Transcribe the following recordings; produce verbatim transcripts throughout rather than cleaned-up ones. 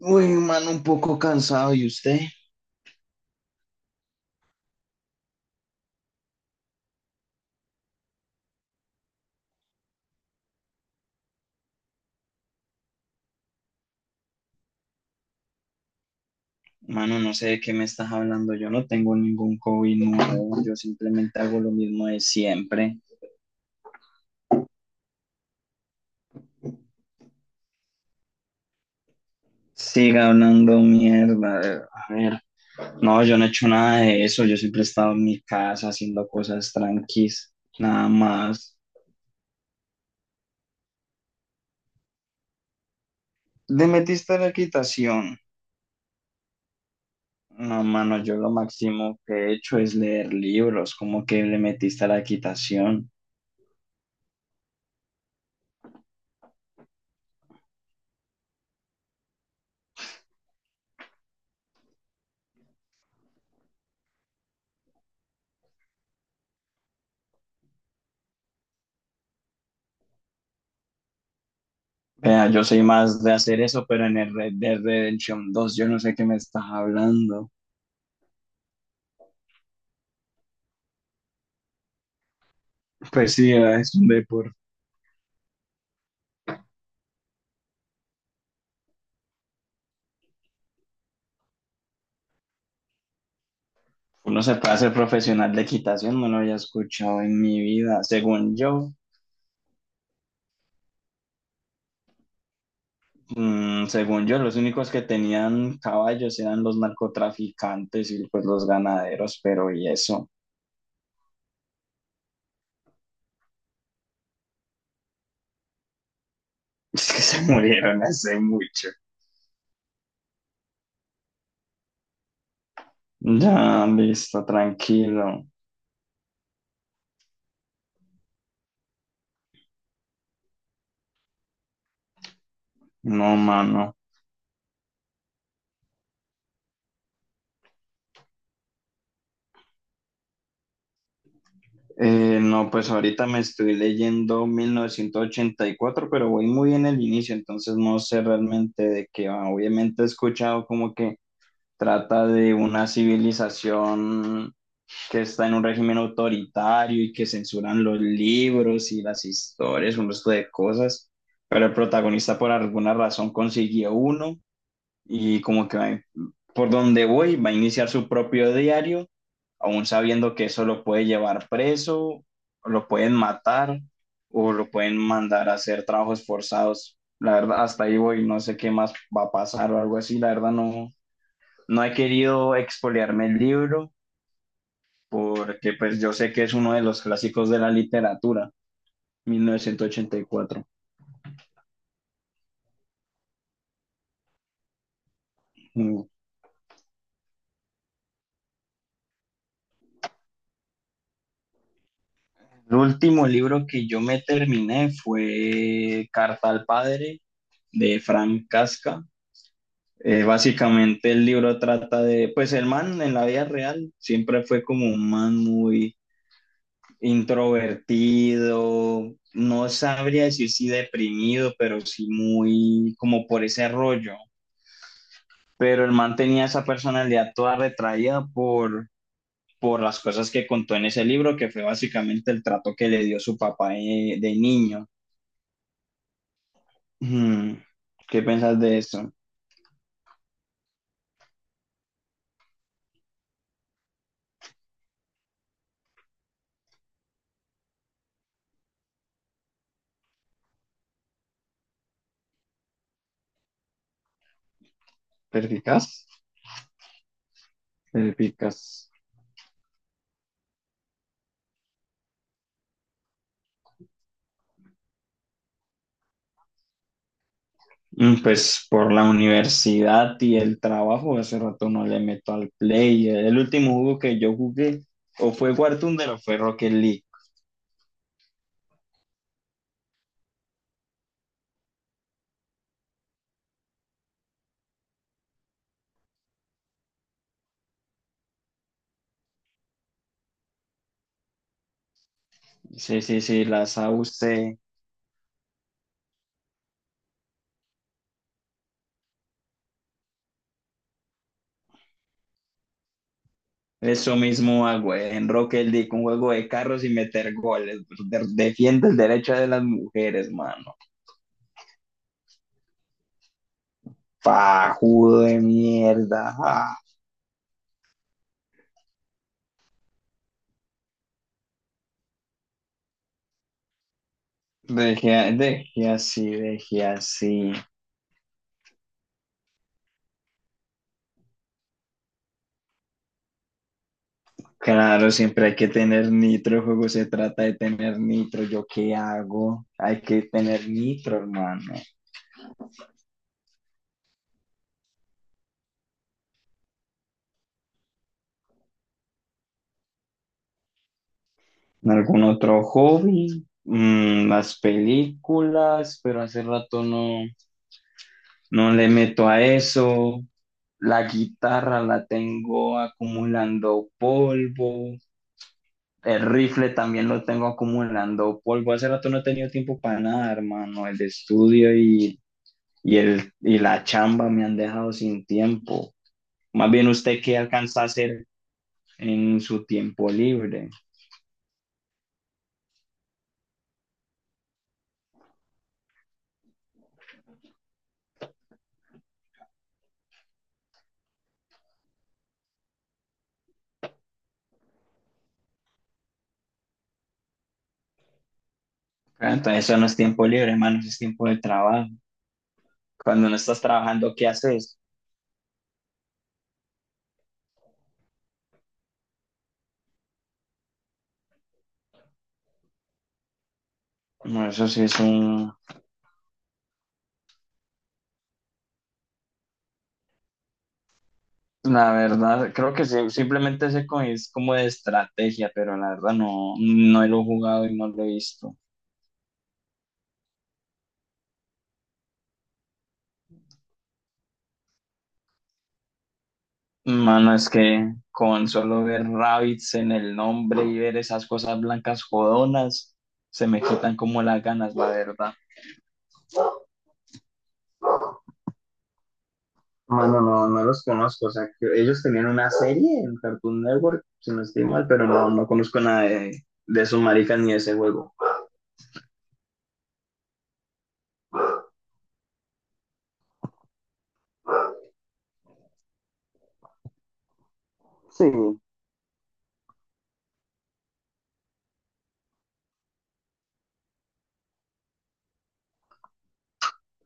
Uy, mano, un poco cansado. ¿Y usted? Mano, no sé de qué me estás hablando. Yo no tengo ningún hobby nuevo. Yo simplemente hago lo mismo de siempre. Siga hablando mierda. A ver, no, yo no he hecho nada de eso. Yo siempre he estado en mi casa haciendo cosas tranquis. Nada más. ¿Le metiste a la equitación? No, mano, yo lo máximo que he hecho es leer libros. ¿Cómo que le metiste a la equitación? Vea, yo soy más de hacer eso, pero en el Red Dead Redemption dos, yo no sé qué me estás hablando. Pues sí, ah, es un deporte. Uno se puede hacer profesional de equitación, no lo había escuchado en mi vida. Según yo, mm, según yo, los únicos que tenían caballos eran los narcotraficantes y pues los ganaderos, pero y eso, es que se murieron hace mucho. Ya, listo, tranquilo. No, mano. Eh, no, pues ahorita me estoy leyendo mil novecientos ochenta y cuatro, pero voy muy en el inicio, entonces no sé realmente de qué va. Obviamente he escuchado como que trata de una civilización que está en un régimen autoritario y que censuran los libros y las historias, un resto de cosas, pero el protagonista por alguna razón consiguió uno y como que va- por donde voy va a iniciar su propio diario, aún sabiendo que eso lo puede llevar preso, o lo pueden matar o lo pueden mandar a hacer trabajos forzados. La verdad, hasta ahí voy, no sé qué más va a pasar o algo así. La verdad, no, no he querido expoliarme el libro porque pues yo sé que es uno de los clásicos de la literatura, mil novecientos ochenta y cuatro. Mm. El último libro que yo me terminé fue Carta al Padre de Frank Casca. Eh, básicamente el libro trata de, pues el man en la vida real siempre fue como un man muy introvertido, no sabría decir si deprimido, pero sí muy como por ese rollo. Pero el man tenía esa personalidad toda retraída por, por las cosas que contó en ese libro, que fue básicamente el trato que le dio su papá de, de niño. Hmm. ¿Qué piensas de eso? ¿Perficaz? Perficaz. Mm, Pues por la universidad y el trabajo, hace rato no le meto al play. El último juego que yo jugué o fue War o fue Rocket League. Sí, sí, sí, la sabe usted. Eso mismo hago eh, en Rocket League, un juego de carros y meter goles. Pues, De- defiende el derecho de las mujeres, mano. Pajudo de mierda. Ah. Dejé, dejé así, dejé así. Claro, siempre hay que tener nitro, el juego se trata de tener nitro. ¿Yo qué hago? Hay que tener nitro, hermano. ¿Algún otro hobby? Mm, las películas, pero hace rato no, no le meto a eso. La guitarra la tengo acumulando polvo. El rifle también lo tengo acumulando polvo. Hace rato no he tenido tiempo para nada, hermano. El estudio y, y, el, y la chamba me han dejado sin tiempo. Más bien usted qué alcanza a hacer en su tiempo libre. Ah, entonces eso no es tiempo libre, hermano, eso es tiempo de trabajo. Cuando no estás trabajando, ¿qué haces? Bueno, eso sí es un... La verdad, creo que sí, simplemente ese co- es como de estrategia, pero la verdad no, no lo he jugado y no lo he visto. Mano, es que con solo ver rabbits en el nombre y ver esas cosas blancas jodonas, se me quitan como las ganas, la verdad. Mano, no, no no los conozco, o sea, que ellos tenían una serie en Cartoon Network, si no estoy mal, pero no, no conozco nada de, de esos maricas ni de ese juego. Sí,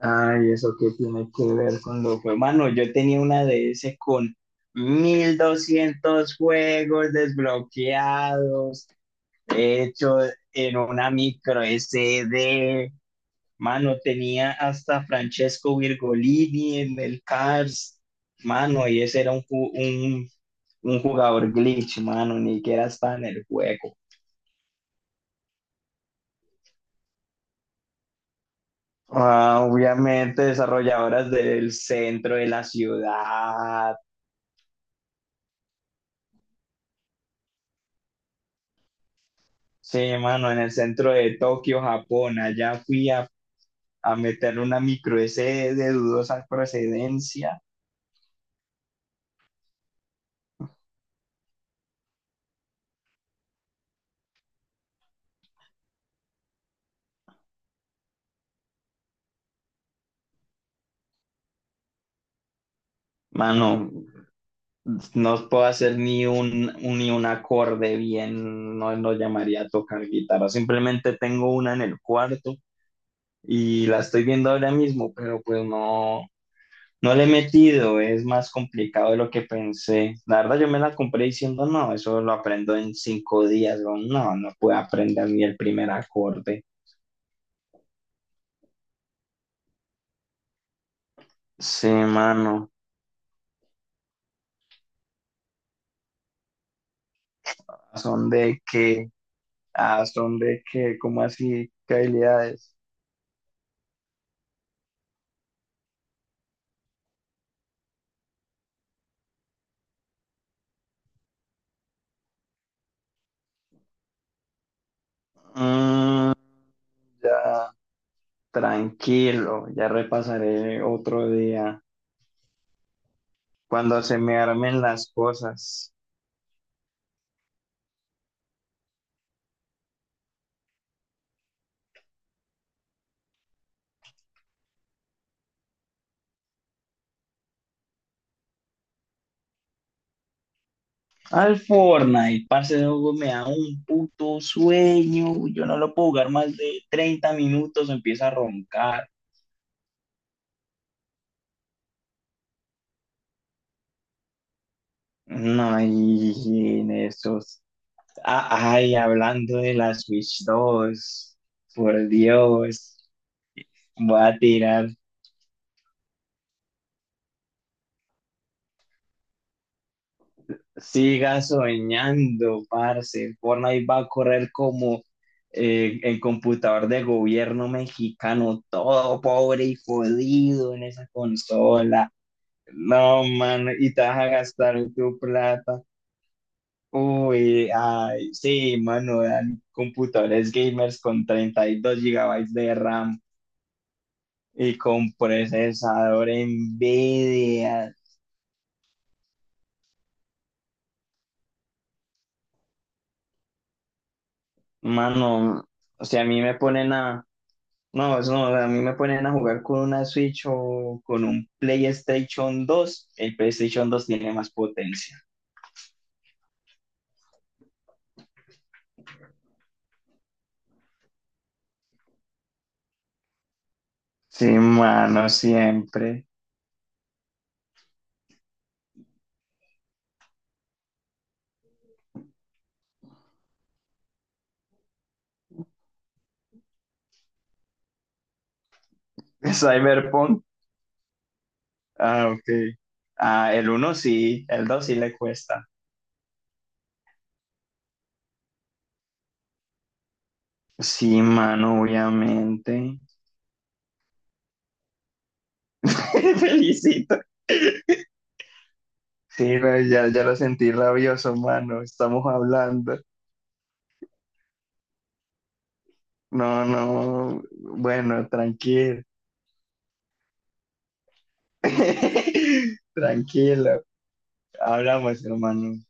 ay, ¿eso qué tiene que ver con los juegos? Mano, yo tenía una de ese con mil doscientos juegos desbloqueados, hecho en una micro S D. Mano, tenía hasta Francesco Virgolini en el Cars, mano, y ese era un, ju- un, un jugador glitch, mano, ni que era hasta en el juego. Ah, obviamente desarrolladoras del centro de la ciudad. Sí, mano, en el centro de Tokio, Japón. Allá fui a, a meter una micro S de dudosa procedencia. Mano, no puedo hacer ni un, un- ni un acorde bien, no lo llamaría tocar guitarra. Simplemente tengo una en el cuarto y la estoy viendo ahora mismo, pero pues no, no le he metido, es más complicado de lo que pensé. La verdad, yo me la compré diciendo, no, eso lo aprendo en cinco días. Weón. No, no puedo aprender ni el primer acorde. Sí, mano, son de qué ah, son de qué, ¿cómo así? ¿Qué habilidades? Mm, ya. Tranquilo, ya repasaré otro día cuando se me armen las cosas. Al Fortnite, parce, ese juego me da un puto sueño. Yo no lo puedo jugar más de treinta minutos, empieza a roncar. No, y en esos. Ah, ay, hablando de la Switch dos, por Dios, voy a tirar. Siga soñando, parce. Fortnite va a correr como eh, el computador de gobierno mexicano, todo pobre y jodido en esa consola. No, mano, y te vas a gastar tu plata. Uy, ay, sí, mano, dan computadores gamers con treinta y dos gigabytes de RAM y con procesador NVIDIA. Mano, o sea, a mí me ponen a no, eso no, o sea, a mí me ponen a jugar con una Switch o con un PlayStation dos. El PlayStation dos tiene más potencia. Sí, mano, siempre. Cyberpunk. Ah, ok. Ah, el uno sí, el dos sí le cuesta. Sí, mano, obviamente. Felicito. Sí, no, ya, ya lo sentí rabioso, mano. Estamos hablando. No, no. Bueno, tranquilo. Tranquilo. Hablamos, hermano.